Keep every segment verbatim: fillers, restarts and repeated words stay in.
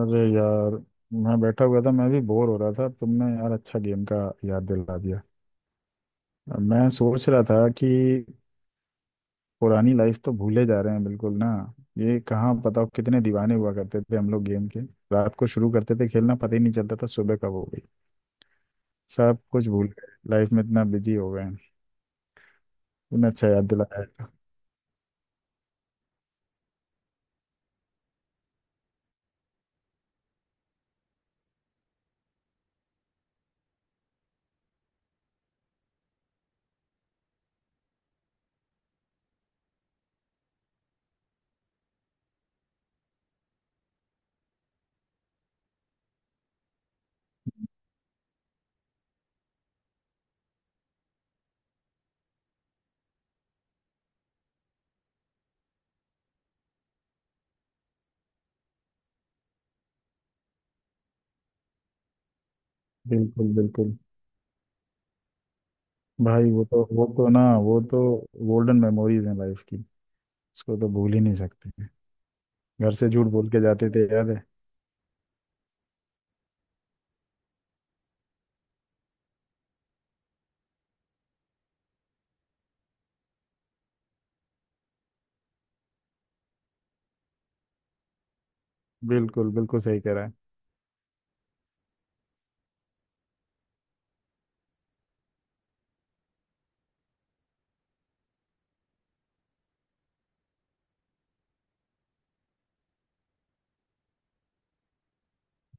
अरे यार, मैं बैठा हुआ था। मैं भी बोर हो रहा था। तुमने यार अच्छा गेम का याद दिला दिया। मैं सोच रहा था कि पुरानी लाइफ तो भूले जा रहे हैं, बिल्कुल ना। ये कहाँ, बताओ कितने दीवाने हुआ करते थे हम लोग गेम के। रात को शुरू करते थे खेलना, पता ही नहीं चलता था सुबह कब हो गई। सब कुछ भूल गए, लाइफ में इतना बिजी हो गए हैं। तुमने अच्छा याद दिलाया। बिल्कुल बिल्कुल। भाई वो तो वो तो ना वो तो गोल्डन मेमोरीज हैं लाइफ की। उसको तो भूल ही नहीं सकते। घर से झूठ बोल के जाते थे, याद है। बिल्कुल बिल्कुल, सही कह रहा है।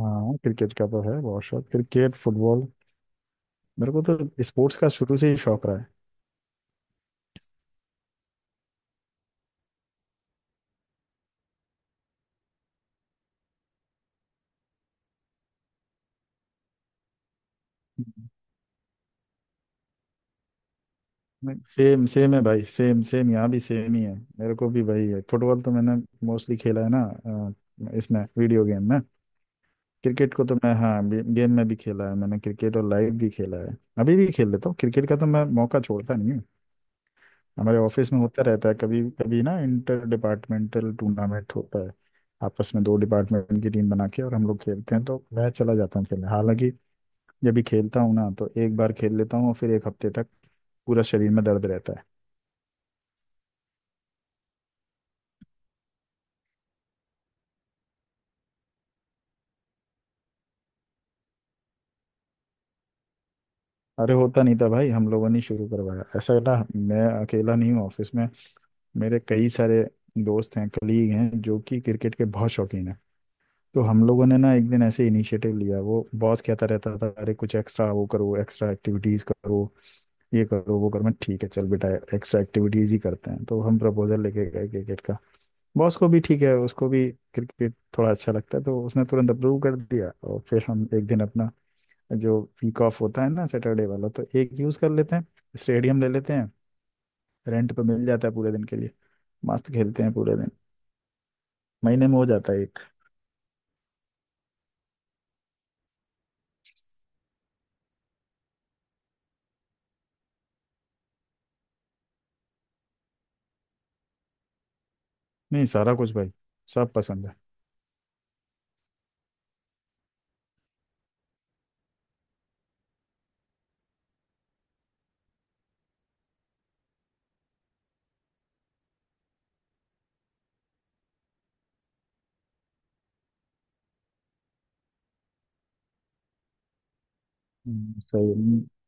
हाँ, क्रिकेट का तो है बहुत शौक, क्रिकेट फुटबॉल। मेरे को तो स्पोर्ट्स का शुरू से ही शौक रहा है। सेम सेम है भाई, सेम सेम, यहाँ भी सेम ही है। मेरे को भी वही है। फुटबॉल तो मैंने मोस्टली खेला है ना, अ, इसमें वीडियो गेम में। क्रिकेट को तो मैं, हाँ, गे, गेम में भी खेला है मैंने क्रिकेट, और लाइव भी खेला है, अभी भी खेल लेता हूँ। क्रिकेट का तो मैं मौका छोड़ता नहीं। हमारे ऑफिस में होता रहता है कभी कभी ना, इंटर डिपार्टमेंटल टूर्नामेंट होता है। आपस में दो डिपार्टमेंट की टीम बना के और हम लोग खेलते हैं, तो मैं चला जाता हूँ खेलने। हालांकि जब भी खेलता हूँ ना तो एक बार खेल लेता हूँ, और फिर एक हफ्ते तक पूरा शरीर में दर्द रहता है। अरे, होता नहीं था भाई, हम लोगों ने शुरू करवाया ऐसा ना। मैं अकेला नहीं हूँ ऑफिस में, मेरे कई सारे दोस्त हैं, कलीग हैं, जो कि क्रिकेट के बहुत शौकीन हैं। तो हम लोगों ने ना एक दिन ऐसे इनिशिएटिव लिया। वो बॉस कहता रहता था, अरे कुछ एक्स्ट्रा वो करो, एक्स्ट्रा एक्टिविटीज करो, ये करो वो करो। मैं, ठीक है चल बेटा, एक्स्ट्रा एक्टिविटीज ही करते हैं। तो हम प्रपोजल लेके गए क्रिकेट का। बॉस को भी, ठीक है, उसको भी क्रिकेट थोड़ा अच्छा लगता है, तो उसने तुरंत अप्रूव कर दिया। और फिर हम एक दिन अपना, जो वीक ऑफ होता है ना सैटरडे वाला, तो एक यूज कर लेते हैं। स्टेडियम ले लेते हैं, रेंट पे मिल जाता है पूरे दिन के लिए, मस्त खेलते हैं पूरे दिन। महीने में हो जाता है एक। नहीं, सारा कुछ भाई, सब पसंद है। हम्म, सही है।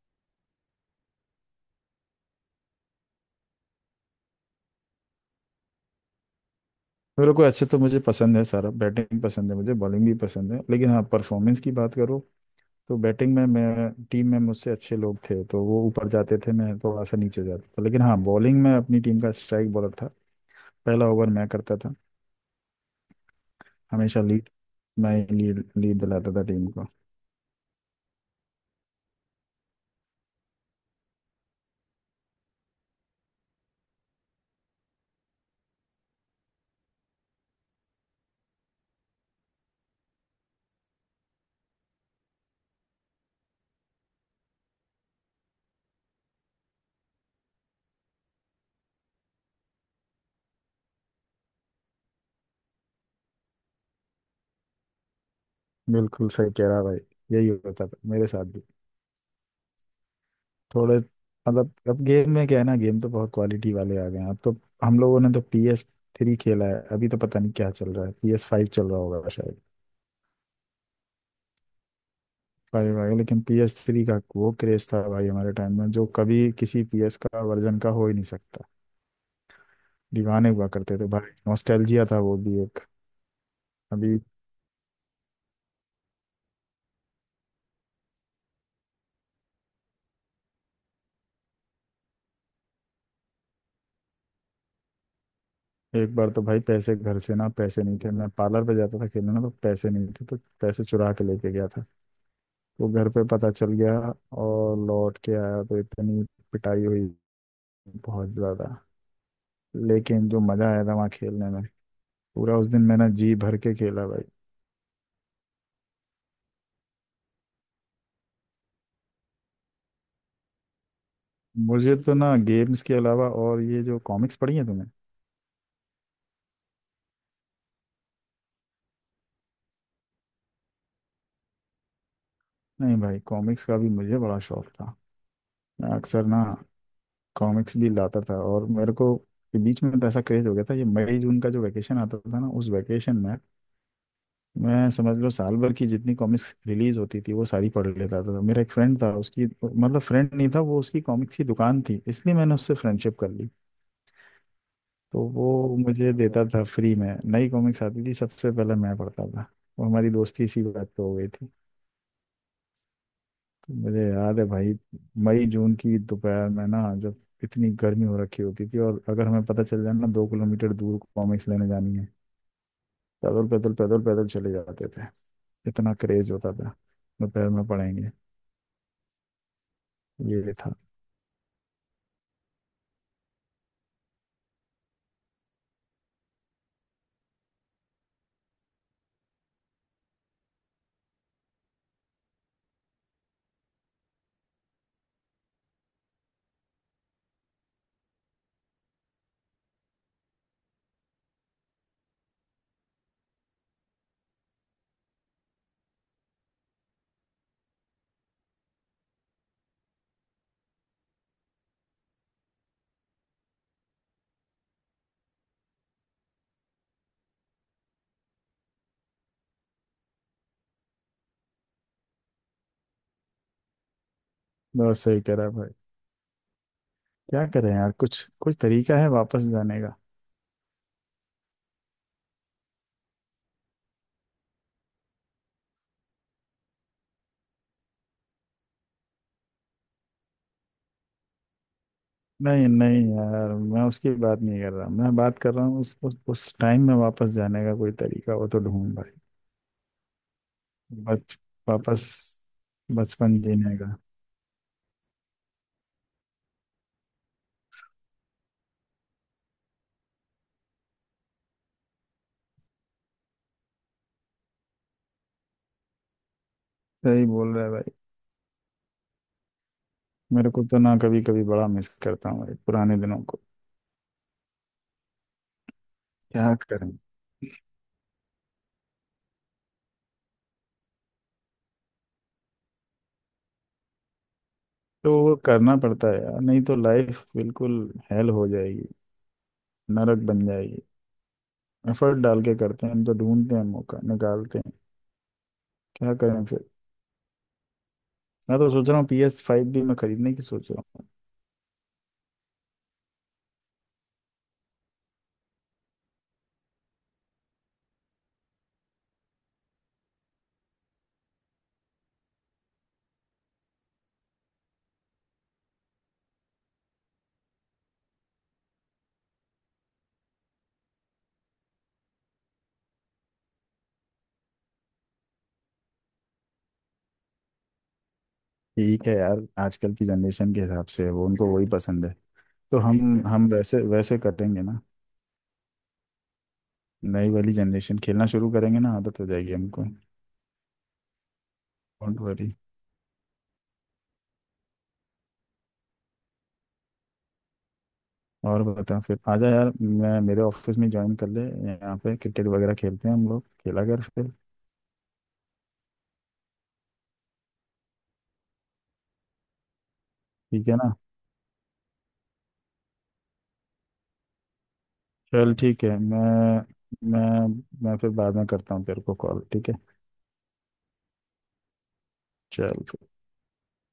मेरे को ऐसे तो, मुझे पसंद है सारा, बैटिंग पसंद है, मुझे बॉलिंग भी पसंद है। लेकिन हाँ, परफॉर्मेंस की बात करो तो बैटिंग में मैं, टीम में मुझसे अच्छे लोग थे तो वो ऊपर जाते थे, मैं थोड़ा सा नीचे जाता था। लेकिन हाँ, बॉलिंग में अपनी टीम का स्ट्राइक बॉलर था। पहला ओवर मैं करता था, हमेशा लीड, मैं लीड लीड दिलाता था टीम को। बिल्कुल सही कह रहा भाई, यही होता था मेरे साथ भी। थोड़े मतलब, अब गेम में क्या है ना, गेम तो बहुत क्वालिटी वाले आ गए हैं अब तो। हम लोगों ने तो पी एस थ्री खेला है, अभी तो पता नहीं क्या चल रहा है, पी एस फाइव चल रहा होगा शायद। फाइव भाई। लेकिन पी एस थ्री का वो क्रेज था भाई हमारे टाइम में, जो कभी किसी पी एस का वर्जन का हो ही नहीं सकता। दीवाने हुआ करते थे भाई, नॉस्टैल्जिया था वो भी एक। अभी एक बार तो भाई, पैसे घर से ना, पैसे नहीं थे, मैं पार्लर पे जाता था खेलने ना, तो पैसे नहीं थे तो पैसे चुरा के लेके गया था। वो घर पे पता चल गया, और लौट के आया तो इतनी पिटाई हुई, बहुत ज्यादा। लेकिन जो मजा आया था वहाँ खेलने में, पूरा उस दिन मैंने जी भर के खेला भाई। मुझे तो ना गेम्स के अलावा, और ये जो कॉमिक्स पढ़ी है तुम्हें? नहीं भाई, कॉमिक्स का भी मुझे बड़ा शौक था। मैं अक्सर ना कॉमिक्स भी लाता था, और मेरे को के बीच में तो ऐसा क्रेज हो गया था, ये मई जून का जो वैकेशन आता था ना, उस वैकेशन में मैं, समझ लो, साल भर की जितनी कॉमिक्स रिलीज होती थी वो सारी पढ़ लेता था। मेरा एक फ्रेंड था, उसकी मतलब, फ्रेंड नहीं था वो, उसकी कॉमिक्स की दुकान थी, इसलिए मैंने उससे फ्रेंडशिप कर ली। तो वो मुझे देता था फ्री में, नई कॉमिक्स आती थी सबसे पहले मैं पढ़ता था, और हमारी दोस्ती इसी बात पे हो गई थी। तो मुझे याद है भाई, मई जून की दोपहर में ना, जब इतनी गर्मी हो रखी होती थी, और अगर हमें पता चल जाए ना दो किलोमीटर दूर कॉमिक्स लेने जानी है, पैदल पैदल पैदल पैदल चले जाते थे। इतना क्रेज होता था, दोपहर में पढ़ेंगे, ये था। बहुत सही कह रहा है भाई, क्या करें यार, कुछ कुछ तरीका है वापस जाने का? नहीं नहीं यार, मैं उसकी बात नहीं कर रहा, मैं बात कर रहा हूँ उस उस, उस टाइम में वापस जाने का कोई तरीका हो तो ढूंढ भाई। बच वापस बचपन जीने का। सही बोल रहा है भाई। मेरे को तो ना कभी कभी बड़ा मिस करता हूँ भाई पुराने दिनों को। क्या करें, तो वो करना पड़ता है यार, नहीं तो लाइफ बिल्कुल हेल हो जाएगी, नरक बन जाएगी। एफर्ट डाल के करते हैं हम, तो ढूंढते हैं, मौका निकालते हैं। क्या करें फिर, मैं तो सोच रहा हूँ पी एस फाइव भी मैं खरीदने की सोच रहा हूँ। ठीक है यार, आजकल की जनरेशन के हिसाब से वो, उनको वही पसंद है। तो हम हम वैसे वैसे करेंगे ना, नई वाली जनरेशन खेलना शुरू करेंगे ना, आदत हो जाएगी हमको। Don't worry. और बता, फिर आजा यार, मैं मेरे ऑफिस में ज्वाइन कर ले, यहाँ पे क्रिकेट वगैरह खेलते हैं हम लोग, खेला कर फिर। ठीक है ना? चल, ठीक है। मैं मैं मैं फिर बाद में करता हूँ तेरे को कॉल, ठीक है? चल।